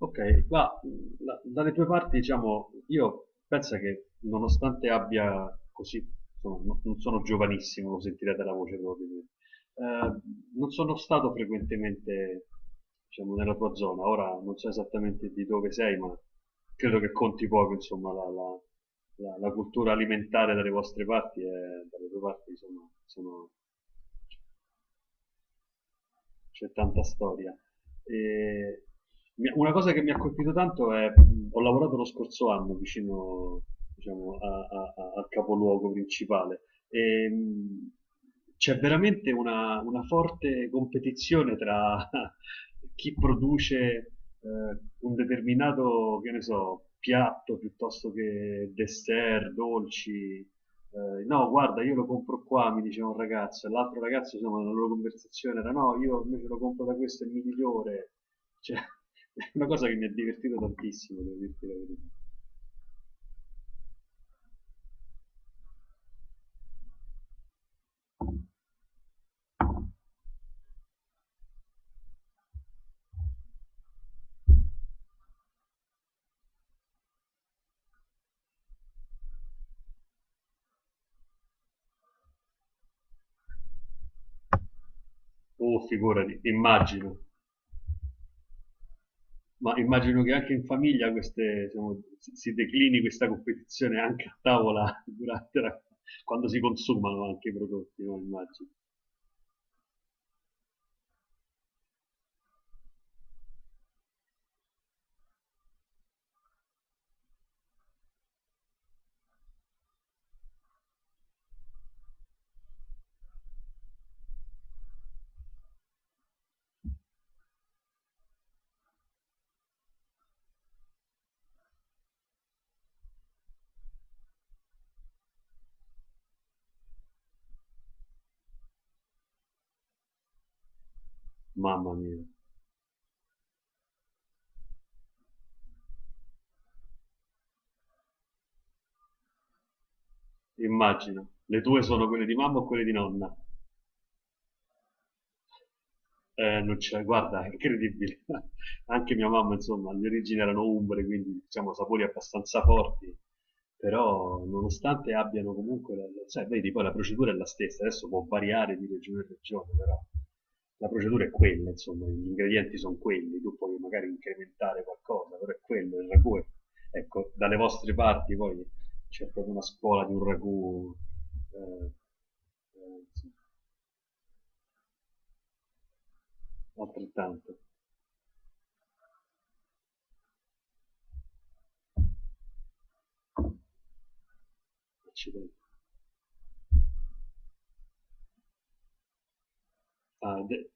Ok, qua dalle tue parti, diciamo, io penso che nonostante abbia così, insomma, non sono giovanissimo, lo sentirete la voce proprio, eh, non sono stato frequentemente, diciamo, nella tua zona. Ora non so esattamente di dove sei, ma credo che conti poco, insomma, la cultura alimentare dalle vostre parti, e dalle tue parti, insomma, sono c'è tanta storia. E una cosa che mi ha colpito tanto è, ho lavorato lo scorso anno vicino, diciamo, al capoluogo principale e c'è veramente una forte competizione tra chi produce un determinato, che ne so, piatto piuttosto che dessert, dolci, no, guarda, io lo compro qua, mi diceva un ragazzo, e l'altro ragazzo, insomma, nella loro conversazione era no, io invece lo compro da questo, è migliore. Cioè, è una cosa che mi ha divertito tantissimo, devo dirti la verità. Oh, figurati, immagino. Ma immagino che anche in famiglia queste, diciamo, si declini questa competizione anche a tavola durante quando si consumano anche i prodotti, no? Immagino. Mamma mia, immagino. Le tue sono quelle di mamma o quelle di nonna? Non c'è, guarda, è incredibile. Anche mia mamma, insomma, le origini erano umbre, quindi diciamo sapori abbastanza forti, però nonostante abbiano comunque, cioè, vedi, poi la procedura è la stessa, adesso può variare di regione in regione, però la procedura è quella, insomma, gli ingredienti sono quelli, tu puoi magari incrementare qualcosa, però è quello, il ragù. Ecco, dalle vostre parti poi c'è proprio una scuola di un ragù, eh, insomma, altrettanto. Accidenti. Ah, de-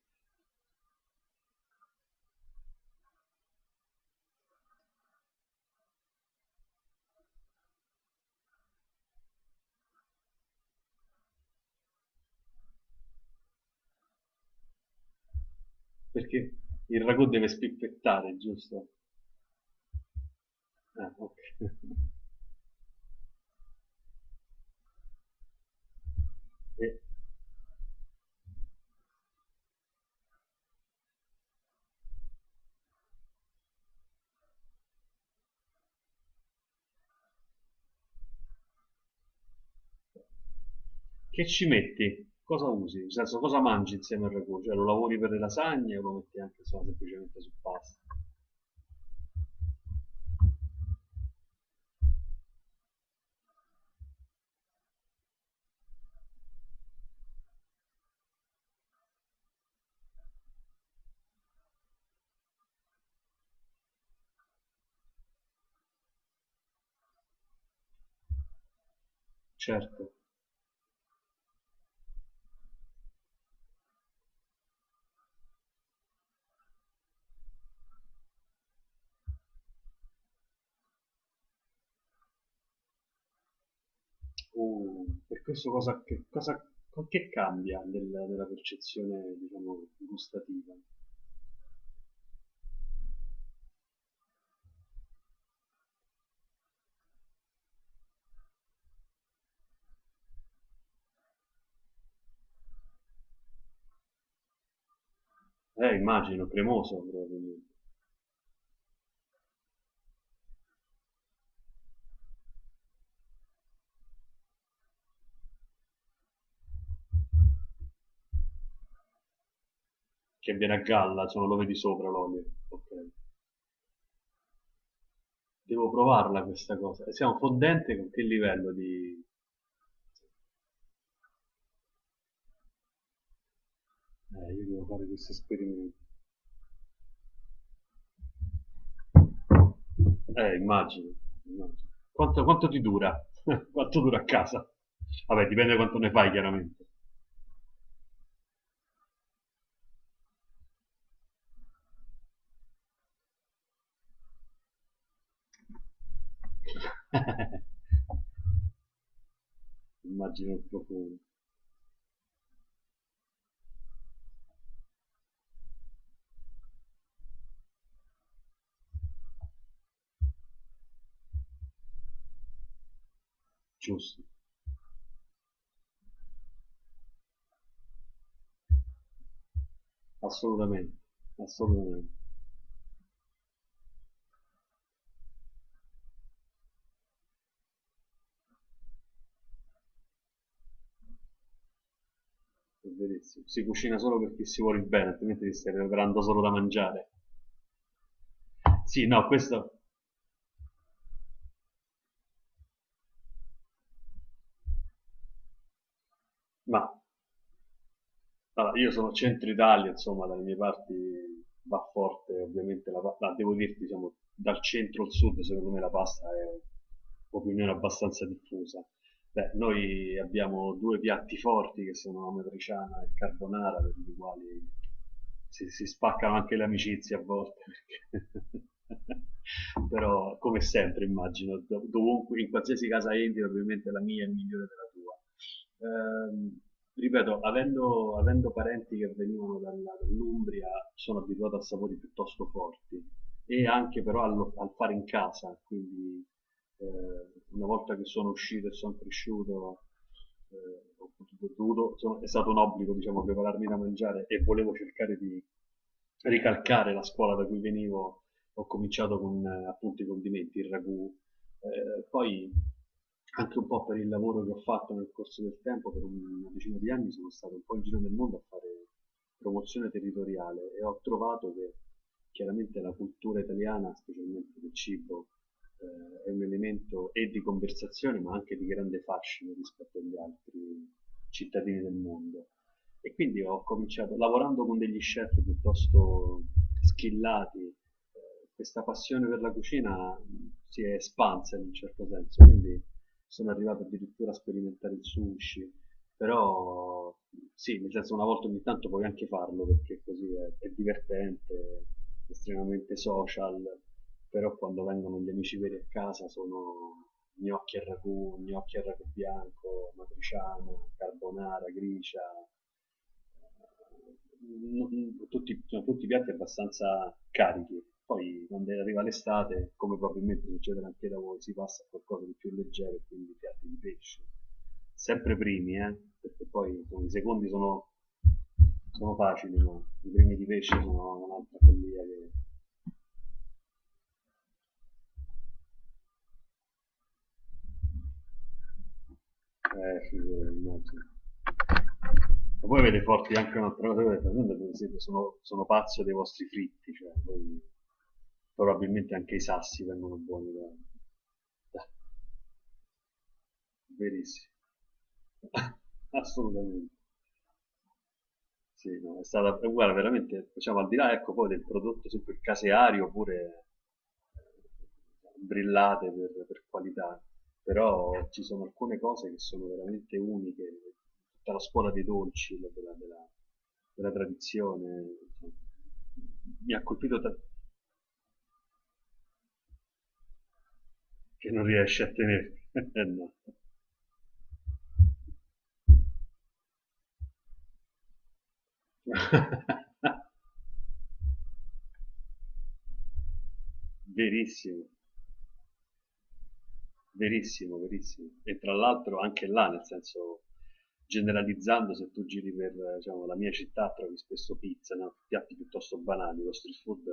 Perché il ragù deve spippettare, giusto? Ah, ok. E che ci metti? Cosa usi? Nel senso, cosa mangi insieme al ragù? Cioè, lo lavori per le lasagne o lo metti anche insomma, semplicemente su pasta? Certo. Per questo cosa, che cambia nella percezione, diciamo, gustativa? Immagino, cremoso probabilmente. Che viene a galla, insomma, lo vedi sopra l'olio. Ok. Devo provarla questa cosa. E siamo fondente con che livello di... io devo fare questo esperimento. Immagino. Immagino. Quanto ti dura? Quanto dura a casa? Vabbè, dipende quanto ne fai, chiaramente. Immagino il profumo. Giusto, assolutamente. Assolutamente. È verissimo. Si cucina solo perché si vuole il bene, altrimenti ti stai preparando solo da mangiare. Sì, no, questo... Ma Allora, io sono centro Italia, insomma, dalle mie parti va forte ovviamente la pasta, devo dirti, diciamo, dal centro al sud, secondo me la pasta è un'opinione abbastanza diffusa. Beh, noi abbiamo due piatti forti che sono la matriciana e il carbonara, per i quali si spaccano anche le amicizie a volte, perché- però come sempre immagino, dovunque, in qualsiasi casa entri, probabilmente la mia è migliore della tua. Ehm, ripeto, avendo parenti che venivano dall'Umbria, sono abituato a sapori piuttosto forti e anche però fare in casa, quindi eh, una volta che sono uscito e sono cresciuto, eh, ho è stato un obbligo, diciamo, prepararmi da mangiare e volevo cercare di ricalcare la scuola da cui venivo. Ho cominciato con appunto i condimenti, il ragù, poi anche un po' per il lavoro che ho fatto nel corso del tempo, per una decina di anni sono stato un po' in giro nel mondo a fare promozione territoriale e ho trovato che chiaramente la cultura italiana, specialmente del cibo, è un elemento e di conversazione ma anche di grande fascino rispetto agli altri cittadini del mondo. E quindi ho cominciato lavorando con degli chef piuttosto schillati questa passione per la cucina si è espansa in un certo senso, quindi sono arrivato addirittura a sperimentare il sushi, però sì, nel senso una volta ogni tanto puoi anche farlo perché così è divertente, è estremamente social, però quando vengono gli amici veri a casa sono gnocchi al ragù bianco, matriciana, carbonara, gricia, sono tutti piatti abbastanza carichi. Poi quando arriva l'estate, come probabilmente succede anche da voi, si passa a qualcosa di più leggero, quindi piatti di pesce. Sempre primi, perché poi insomma, i secondi sono facili, ma i primi di pesce sono un'altra follia che eh, figura, immagino. Ma poi avete forti anche un'altra cosa, noi, per esempio sono pazzo dei vostri fritti, probabilmente anche i sassi vengono buoni da... da verissimo. Assolutamente. Sì, no, è stata, guarda, veramente, diciamo, al di là, ecco, poi del prodotto sempre caseario, pure brillate per qualità, però ci sono alcune cose che sono veramente uniche, tutta la scuola dei dolci, della tradizione, insomma, mi ha colpito che non riesce a tenerti. No. Verissimo. Verissimo, verissimo. E tra l'altro anche là, nel senso, generalizzando, se tu giri per, diciamo, la mia città trovi spesso pizza, no? Piatti piuttosto banali, lo street food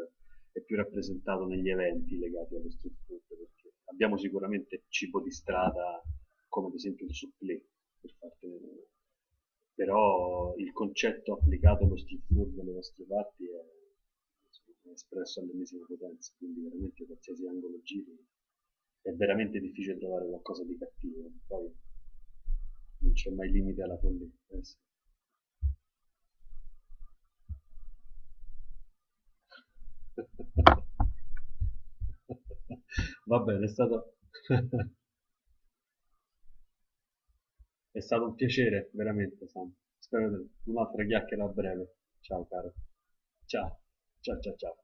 è più rappresentato negli eventi legati allo street food, perché abbiamo sicuramente cibo di strada come ad esempio il supplé, per farti vedere. Però il concetto applicato allo street food dalle nostre parti è espresso all'ennesima potenza, quindi veramente qualsiasi angolo giri è veramente difficile trovare qualcosa di cattivo, poi non c'è mai limite alla follia. Eh sì. Va bene, è stato... È stato un piacere, veramente, Sam. Un'altra chiacchiera a breve. Ciao, caro. Ciao, ciao, ciao, ciao.